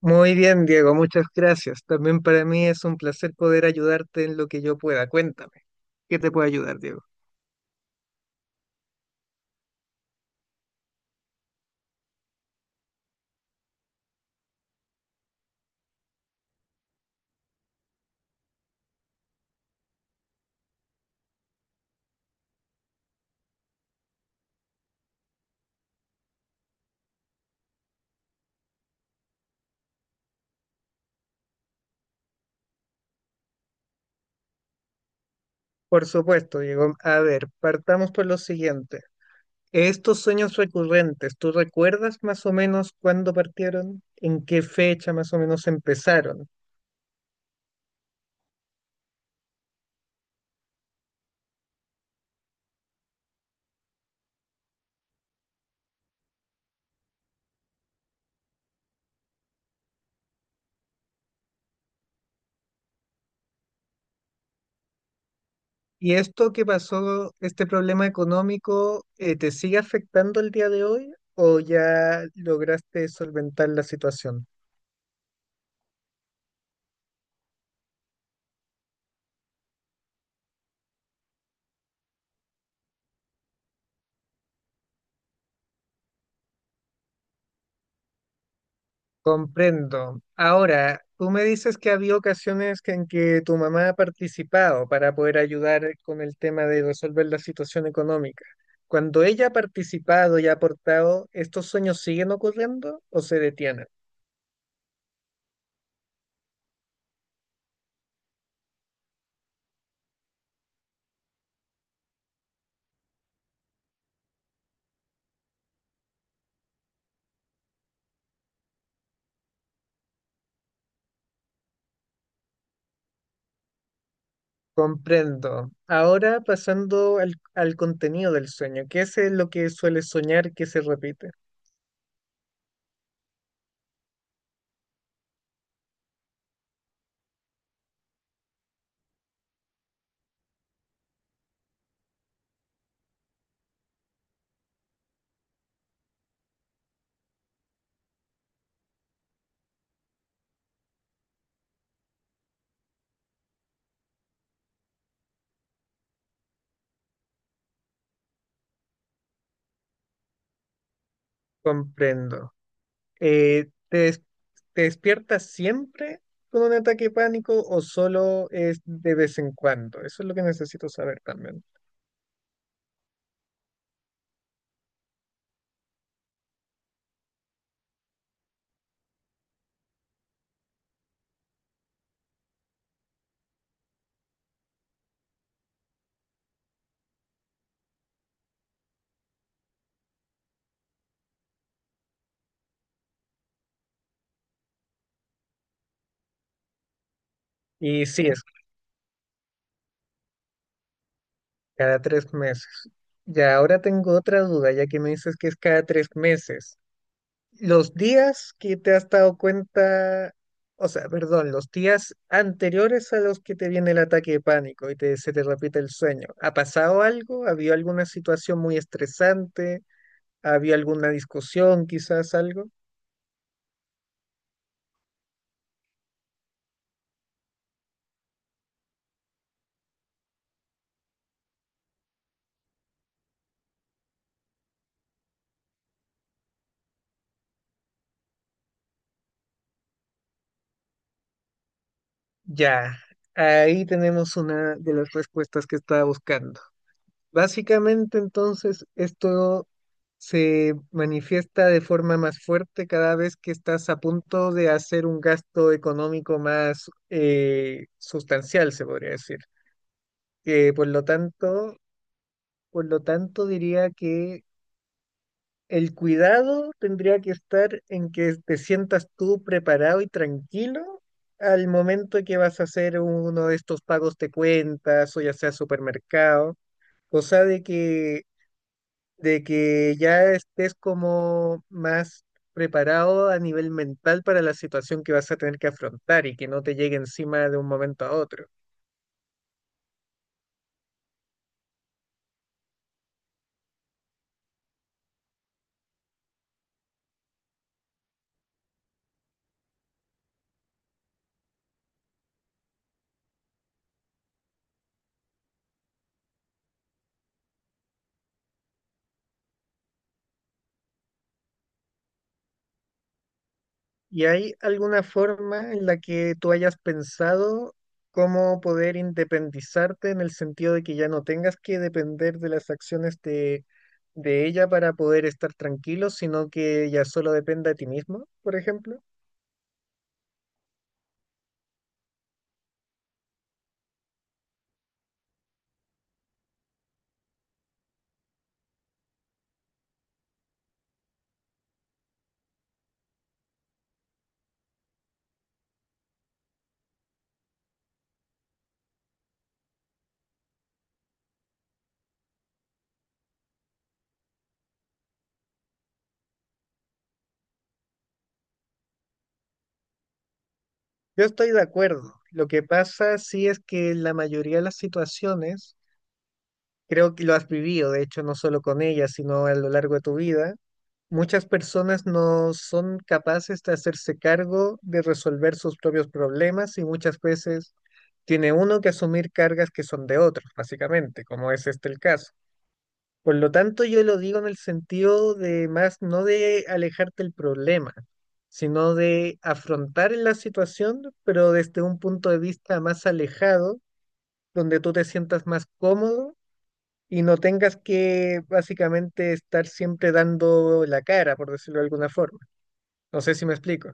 Muy bien, Diego, muchas gracias. También para mí es un placer poder ayudarte en lo que yo pueda. Cuéntame, ¿qué te puede ayudar, Diego? Por supuesto, Diego. A ver, partamos por lo siguiente. Estos sueños recurrentes, ¿tú recuerdas más o menos cuándo partieron? ¿En qué fecha más o menos empezaron? ¿Y esto que pasó, este problema económico, te sigue afectando el día de hoy o ya lograste solventar la situación? Comprendo. Ahora, tú me dices que había ocasiones en que tu mamá ha participado para poder ayudar con el tema de resolver la situación económica. Cuando ella ha participado y ha aportado, ¿estos sueños siguen ocurriendo o se detienen? Comprendo. Ahora pasando al contenido del sueño, ¿qué es lo que suele soñar que se repite? Comprendo. Eh, ¿te, des- Te despiertas siempre con un ataque de pánico o solo es de vez en cuando? Eso es lo que necesito saber también. Y sí, es cada 3 meses. Ya ahora tengo otra duda, ya que me dices que es cada 3 meses. Los días que te has dado cuenta, o sea, perdón, los días anteriores a los que te viene el ataque de pánico y se te repite el sueño, ¿ha pasado algo? ¿Había alguna situación muy estresante? ¿Había alguna discusión, quizás algo? Ya, ahí tenemos una de las respuestas que estaba buscando. Básicamente, entonces, esto se manifiesta de forma más fuerte cada vez que estás a punto de hacer un gasto económico más sustancial, se podría decir. Eh, por lo tanto, por lo tanto, diría que el cuidado tendría que estar en que te sientas tú preparado y tranquilo al momento que vas a hacer uno de estos pagos de cuentas o ya sea supermercado, cosa de que, de que ya estés como más preparado a nivel mental para la situación que vas a tener que afrontar y que no te llegue encima de un momento a otro. ¿Y hay alguna forma en la que tú hayas pensado cómo poder independizarte en el sentido de que ya no tengas que depender de las acciones de ella para poder estar tranquilo, sino que ya solo dependa de ti mismo, por ejemplo? Yo estoy de acuerdo. Lo que pasa sí es que en la mayoría de las situaciones, creo que lo has vivido, de hecho, no solo con ella, sino a lo largo de tu vida. Muchas personas no son capaces de hacerse cargo de resolver sus propios problemas y muchas veces tiene uno que asumir cargas que son de otros, básicamente, como es este el caso. Por lo tanto, yo lo digo en el sentido de más no de alejarte del problema, sino de afrontar la situación, pero desde un punto de vista más alejado, donde tú te sientas más cómodo y no tengas que básicamente estar siempre dando la cara, por decirlo de alguna forma. No sé si me explico.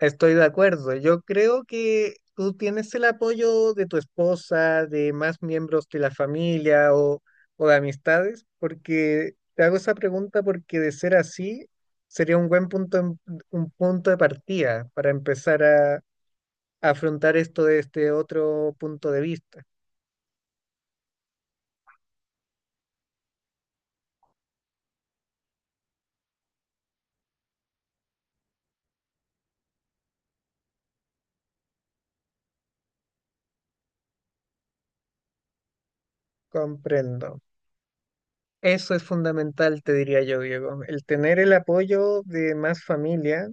Estoy de acuerdo. Yo creo que tú tienes el apoyo de tu esposa, de más miembros de la familia o de amistades, porque te hago esa pregunta porque de ser así sería un buen un punto de partida para empezar afrontar esto desde otro punto de vista. Comprendo. Eso es fundamental, te diría yo, Diego. El tener el apoyo de más familia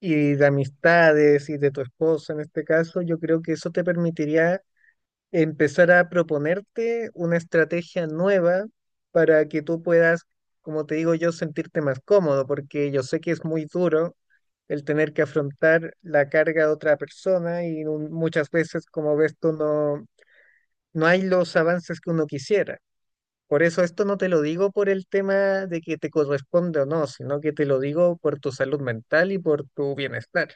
y de amistades y de tu esposa en este caso, yo creo que eso te permitiría empezar a proponerte una estrategia nueva para que tú puedas, como te digo yo, sentirte más cómodo, porque yo sé que es muy duro el tener que afrontar la carga de otra persona y muchas veces, como ves tú, no hay los avances que uno quisiera. Por eso esto no te lo digo por el tema de que te corresponde o no, sino que te lo digo por tu salud mental y por tu bienestar.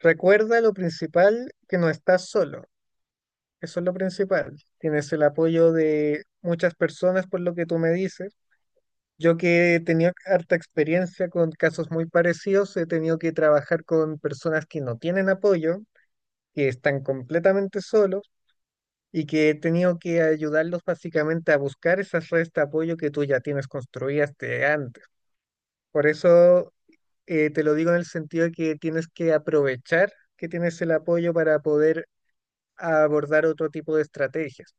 Recuerda lo principal, que no estás solo. Eso es lo principal. Tienes el apoyo de muchas personas por lo que tú me dices. Yo que he tenido harta experiencia con casos muy parecidos, he tenido que trabajar con personas que no tienen apoyo, que están completamente solos, y que he tenido que ayudarlos básicamente a buscar esas redes de apoyo que tú ya tienes construidas de antes. Por eso te lo digo en el sentido de que tienes que aprovechar que tienes el apoyo para poder abordar otro tipo de estrategias.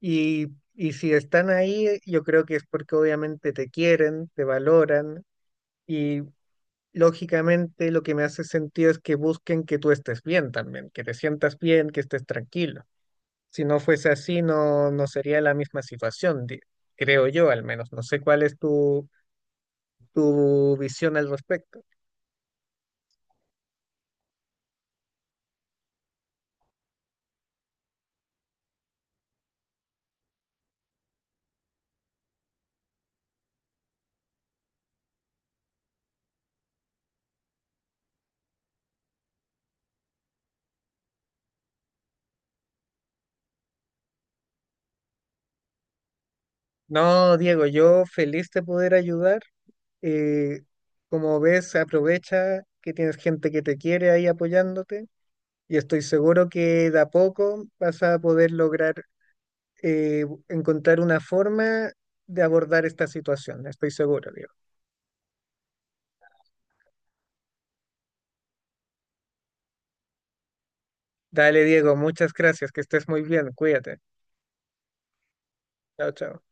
Y, y si están ahí, yo creo que es porque obviamente te quieren, te valoran y lógicamente lo que me hace sentido es que busquen que tú estés bien también, que te sientas bien, que estés tranquilo. Si no fuese así, no sería la misma situación, creo yo al menos. No sé cuál es tu visión al respecto. No, Diego, yo feliz de poder ayudar. Eh, como ves, aprovecha que tienes gente que te quiere ahí apoyándote y estoy seguro que de a poco vas a poder lograr encontrar una forma de abordar esta situación. Estoy seguro, Diego. Dale, Diego, muchas gracias, que estés muy bien, cuídate. Chao, chao.